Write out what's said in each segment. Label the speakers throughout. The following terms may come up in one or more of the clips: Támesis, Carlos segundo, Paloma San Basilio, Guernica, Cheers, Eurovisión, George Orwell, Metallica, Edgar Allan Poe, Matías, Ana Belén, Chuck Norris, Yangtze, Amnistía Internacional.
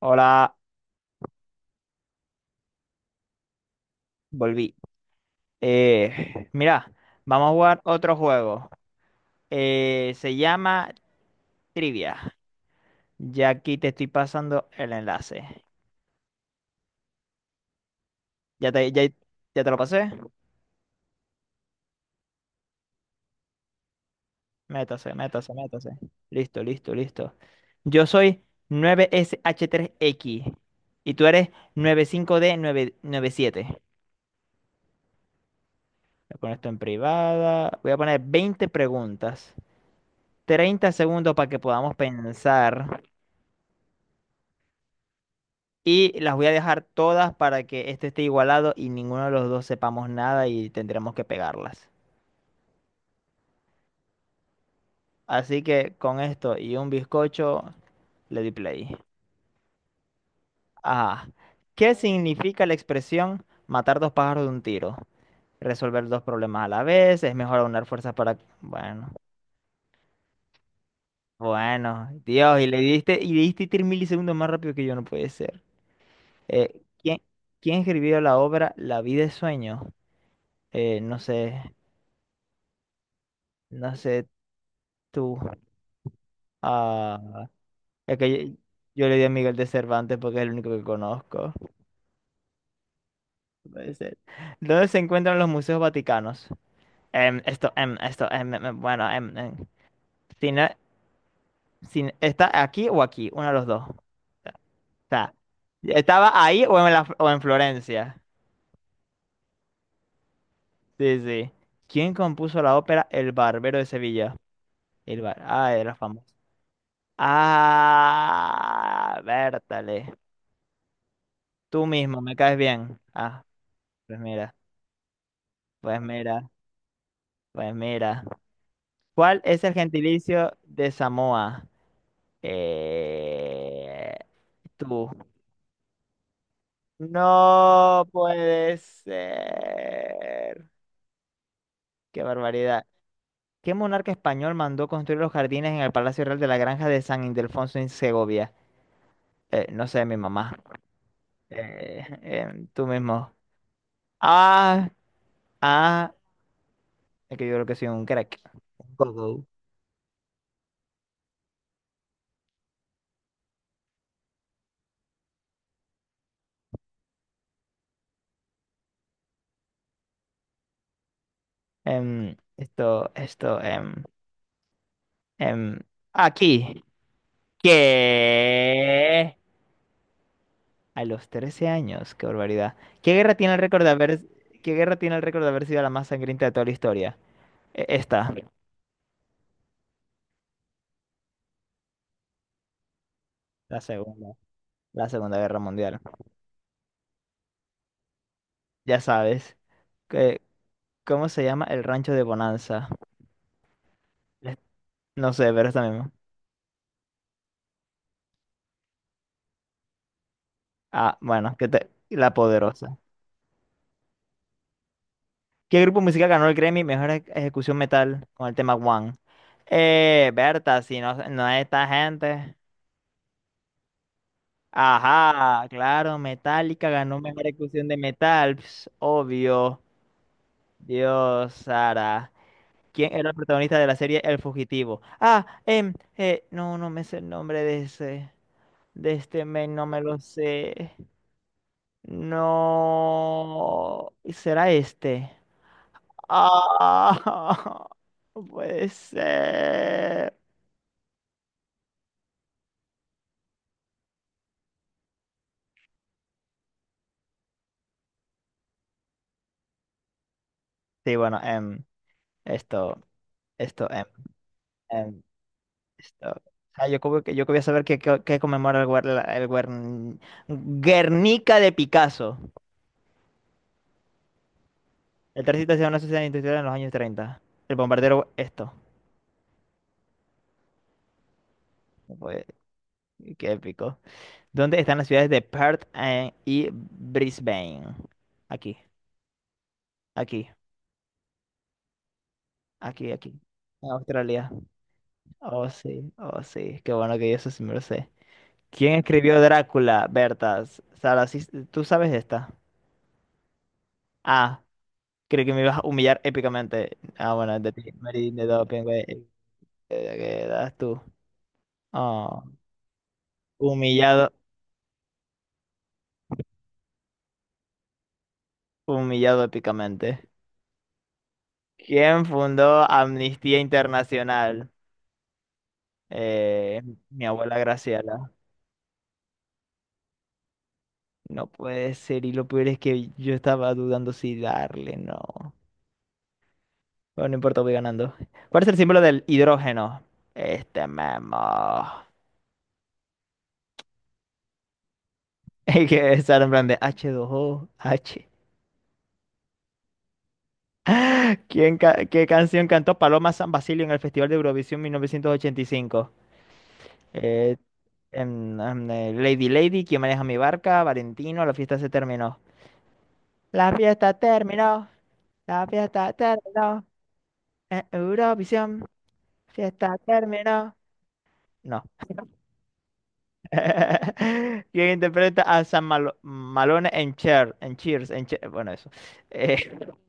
Speaker 1: Hola, volví. Mira, vamos a jugar otro juego. Se llama Trivia. Ya aquí te estoy pasando el enlace. ¿Ya te, ya, ya te lo pasé? Métase, métase, métase. Listo, listo, listo. Yo soy 9 sh tres x y tú eres nueve cinco d 997. Voy a poner esto en privada. Voy a poner 20 preguntas, 30 segundos para que podamos pensar. Y las voy a dejar todas para que este esté igualado y ninguno de los dos sepamos nada y tendremos que pegarlas. Así que con esto y un bizcocho le di play. Ah, ¿qué significa la expresión matar dos pájaros de un tiro? Resolver dos problemas a la vez, es mejor aunar fuerzas para... Bueno, Dios, y le diste 3 milisegundos más rápido que yo, no puede ser. Eh, ¿quién, quién escribió la obra La vida es sueño? No sé, no sé tú. Ah, es que yo le di a Miguel de Cervantes porque es el único que conozco. Puede ser. ¿Dónde se encuentran los museos vaticanos? Em, esto, em, esto, em, em, em, bueno, em, em. Si no- no, ¿está aquí o aquí? Uno de los dos. O sea, ¿estaba ahí o en Florencia? Sí, sí. ¿Quién compuso la ópera El Barbero de Sevilla? Ah, era famoso. Ah, Bertale. Tú mismo, me caes bien. Ah, pues mira, pues mira. Pues mira, ¿cuál es el gentilicio de Samoa? Eh, tú. No puede ser. Qué barbaridad. ¿Qué monarca español mandó construir los jardines en el Palacio Real de la Granja de San Ildefonso en Segovia? No sé, mi mamá. Tú mismo. Ah, ah, es que yo creo que soy un crack. Un gogo. Em, esto, esto, em, em, aquí. ¿Qué? A los 13 años, qué barbaridad. ¿Qué guerra tiene el récord de haber, ¿qué guerra tiene el récord de haber sido la más sangrienta de toda la historia? Esta, la segunda, la Segunda Guerra Mundial. Ya sabes, que- ¿cómo se llama el rancho de Bonanza? Le- No sé, pero esta misma. Ah, bueno, La Poderosa. ¿Qué grupo musical ganó el Grammy Ejecución Metal con el tema One? Berta, si no, no es esta gente. Ajá, claro, Metallica ganó mejor ejecución de metal, ps, obvio. Dios, Sara. ¿Quién era el protagonista de la serie El Fugitivo? No, no me sé el nombre de ese, de este men, no me lo sé. No, será este. Ah, no puede ser. Sí, bueno, em, esto, esto, em, em, Esto- Ah, yo como que yo quería saber qué conmemora el Guernica de Picasso. El tránsito hacia una sociedad industrial en los años treinta. El bombardero, esto. Fue- Qué épico. ¿Dónde están las ciudades de Perth y Brisbane? Aquí, aquí, aquí, aquí. En Australia. Oh, sí, oh, sí. Qué bueno que yo eso sí me lo sé. ¿Quién escribió Drácula? Bertas. Sara, tú sabes esta. A. Creo que me ibas a humillar épicamente. Ah, bueno, de ti, Marín, de doping, güey. ¿Qué das tú? Ah, humillado, humillado épicamente. ¿Quién fundó Amnistía Internacional? Eh, mi abuela Graciela. No puede ser, y lo peor es que yo estaba dudando si darle, no. Bueno, no importa, voy ganando. ¿Cuál es el símbolo del hidrógeno? Este memo. Y que estar en plan de H2O, H. ¿ qué canción cantó Paloma San Basilio en el Festival de Eurovisión 1985? Eh, Lady Lady, ¿Quién maneja mi barca? Valentino, la fiesta se terminó. La fiesta terminó, la fiesta terminó, en Eurovisión, fiesta terminó. No. ¿Quién interpreta a Malone en Cher? En Cheers, bueno, eso. Eh,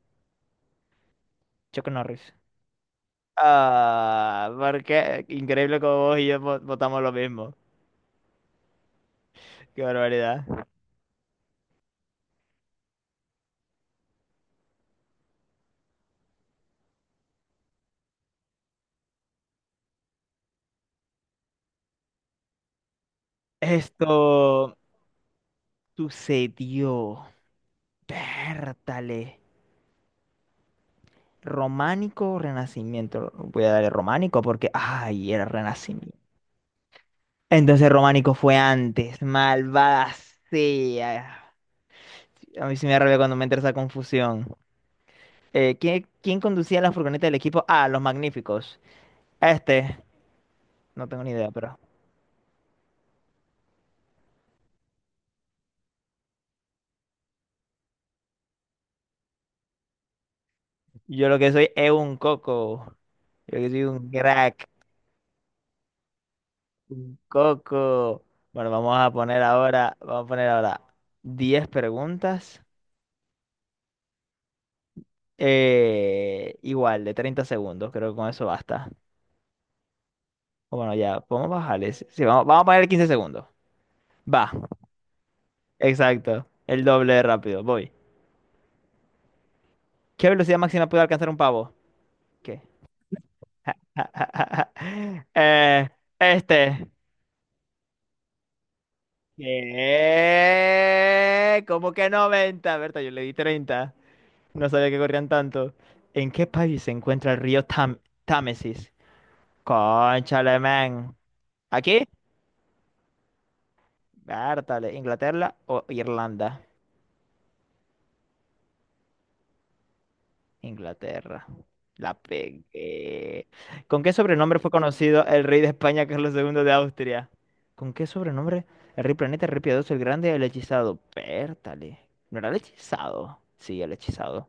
Speaker 1: Chuck Norris. Ah, porque increíble como vos y yo votamos lo mismo. Qué barbaridad. Esto sucedió. Pértale. ¿Románico o renacimiento? Voy a darle románico porque, ay, era renacimiento. Entonces románico fue antes. Malvada sea. A mí sí me arrepió cuando me entra esa confusión. ¿ Quién conducía la furgoneta del equipo? Ah, los magníficos. Este, no tengo ni idea, pero yo lo que soy es un coco. Yo que soy un crack. Un Coco. Bueno, vamos a poner ahora 10 preguntas, igual, de 30 segundos. Creo que con eso basta. O bueno, ya, podemos bajarles. Sí, sí, vamos a poner 15 segundos. Va, exacto. El doble de rápido. Voy. ¿Qué velocidad máxima puede alcanzar un pavo? ¿Qué? Eh, este. ¿Qué? ¿Cómo que 90? Berta, yo le di 30. No sabía que corrían tanto. ¿En qué país se encuentra el río Támesis? Cónchale, man. ¿Aquí? Vértale, ¿Inglaterra o Irlanda? Inglaterra. La pegué. ¿Con qué sobrenombre fue conocido el rey de España, Carlos segundo de Austria? ¿Con qué sobrenombre? El rey planeta, el rey piadoso, el grande, el hechizado. Vértale. ¿No era el hechizado? Sí, el hechizado.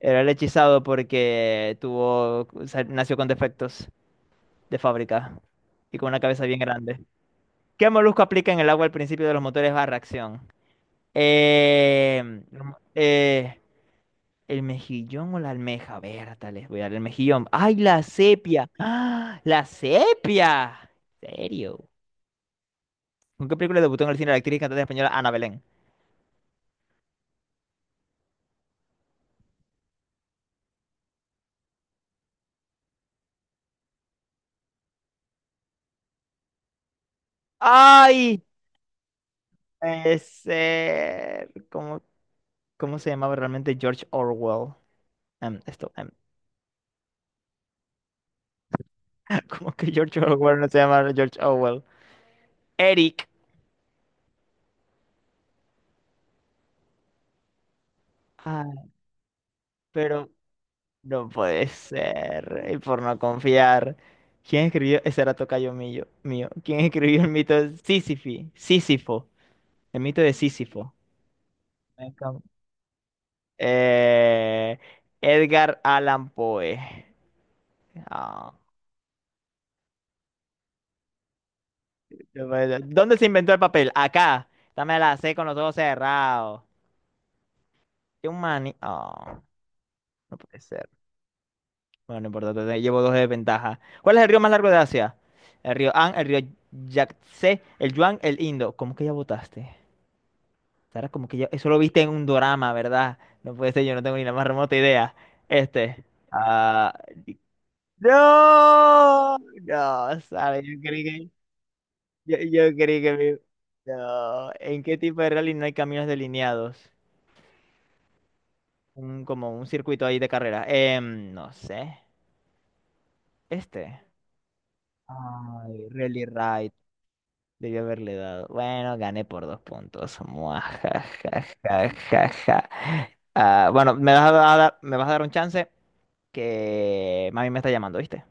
Speaker 1: Era el hechizado porque tuvo, o sea, nació con defectos de fábrica y con una cabeza bien grande. ¿Qué molusco aplica en el agua al principio de los motores a reacción? Em, eh, ¿El mejillón o la almeja? A ver, tal vez voy a dar el mejillón. ¡Ay, la sepia! ¡Ah, la sepia! ¿En serio? ¿Con qué película debutó en el cine la actriz y cantante española Ana Belén? ¡Ay! Es, ¿Cómo, cómo se llamaba realmente George Orwell? Em, esto, em, ¿Cómo que George Orwell no se llama George Orwell? Eric. Ah, pero no puede ser. Y por no confiar. ¿Quién escribió? Ese era tocayo mío. ¿Quién escribió el mito de Sísifi? Sísifo. El mito de Sísifo. Me encam- Eh, Edgar Allan Poe. Ah, no puede ser. ¿Dónde se inventó el papel? Acá. Dame la C con los ojos cerrados. Qué un mani. Ah, no puede ser. Bueno, no importa. Llevo dos de ventaja. ¿Cuál es el río más largo de Asia? El río Yangtze, el Yuan, el Indo. ¿Cómo que ya votaste? Sara, como que ya, eso lo viste en un dorama, ¿verdad? No puede ser, yo no tengo ni la más remota idea. Este. Ah, no, no, sabes yo creí que no. ¿En qué tipo de rally no hay caminos delineados? Un, como un circuito ahí de carrera. No sé. Este. Ay, Rally Ride. Debí haberle dado. Bueno, gané por 2 puntos. Muajajajajaja. Ah, bueno, me vas a dar un chance? Que mami me está llamando, ¿viste?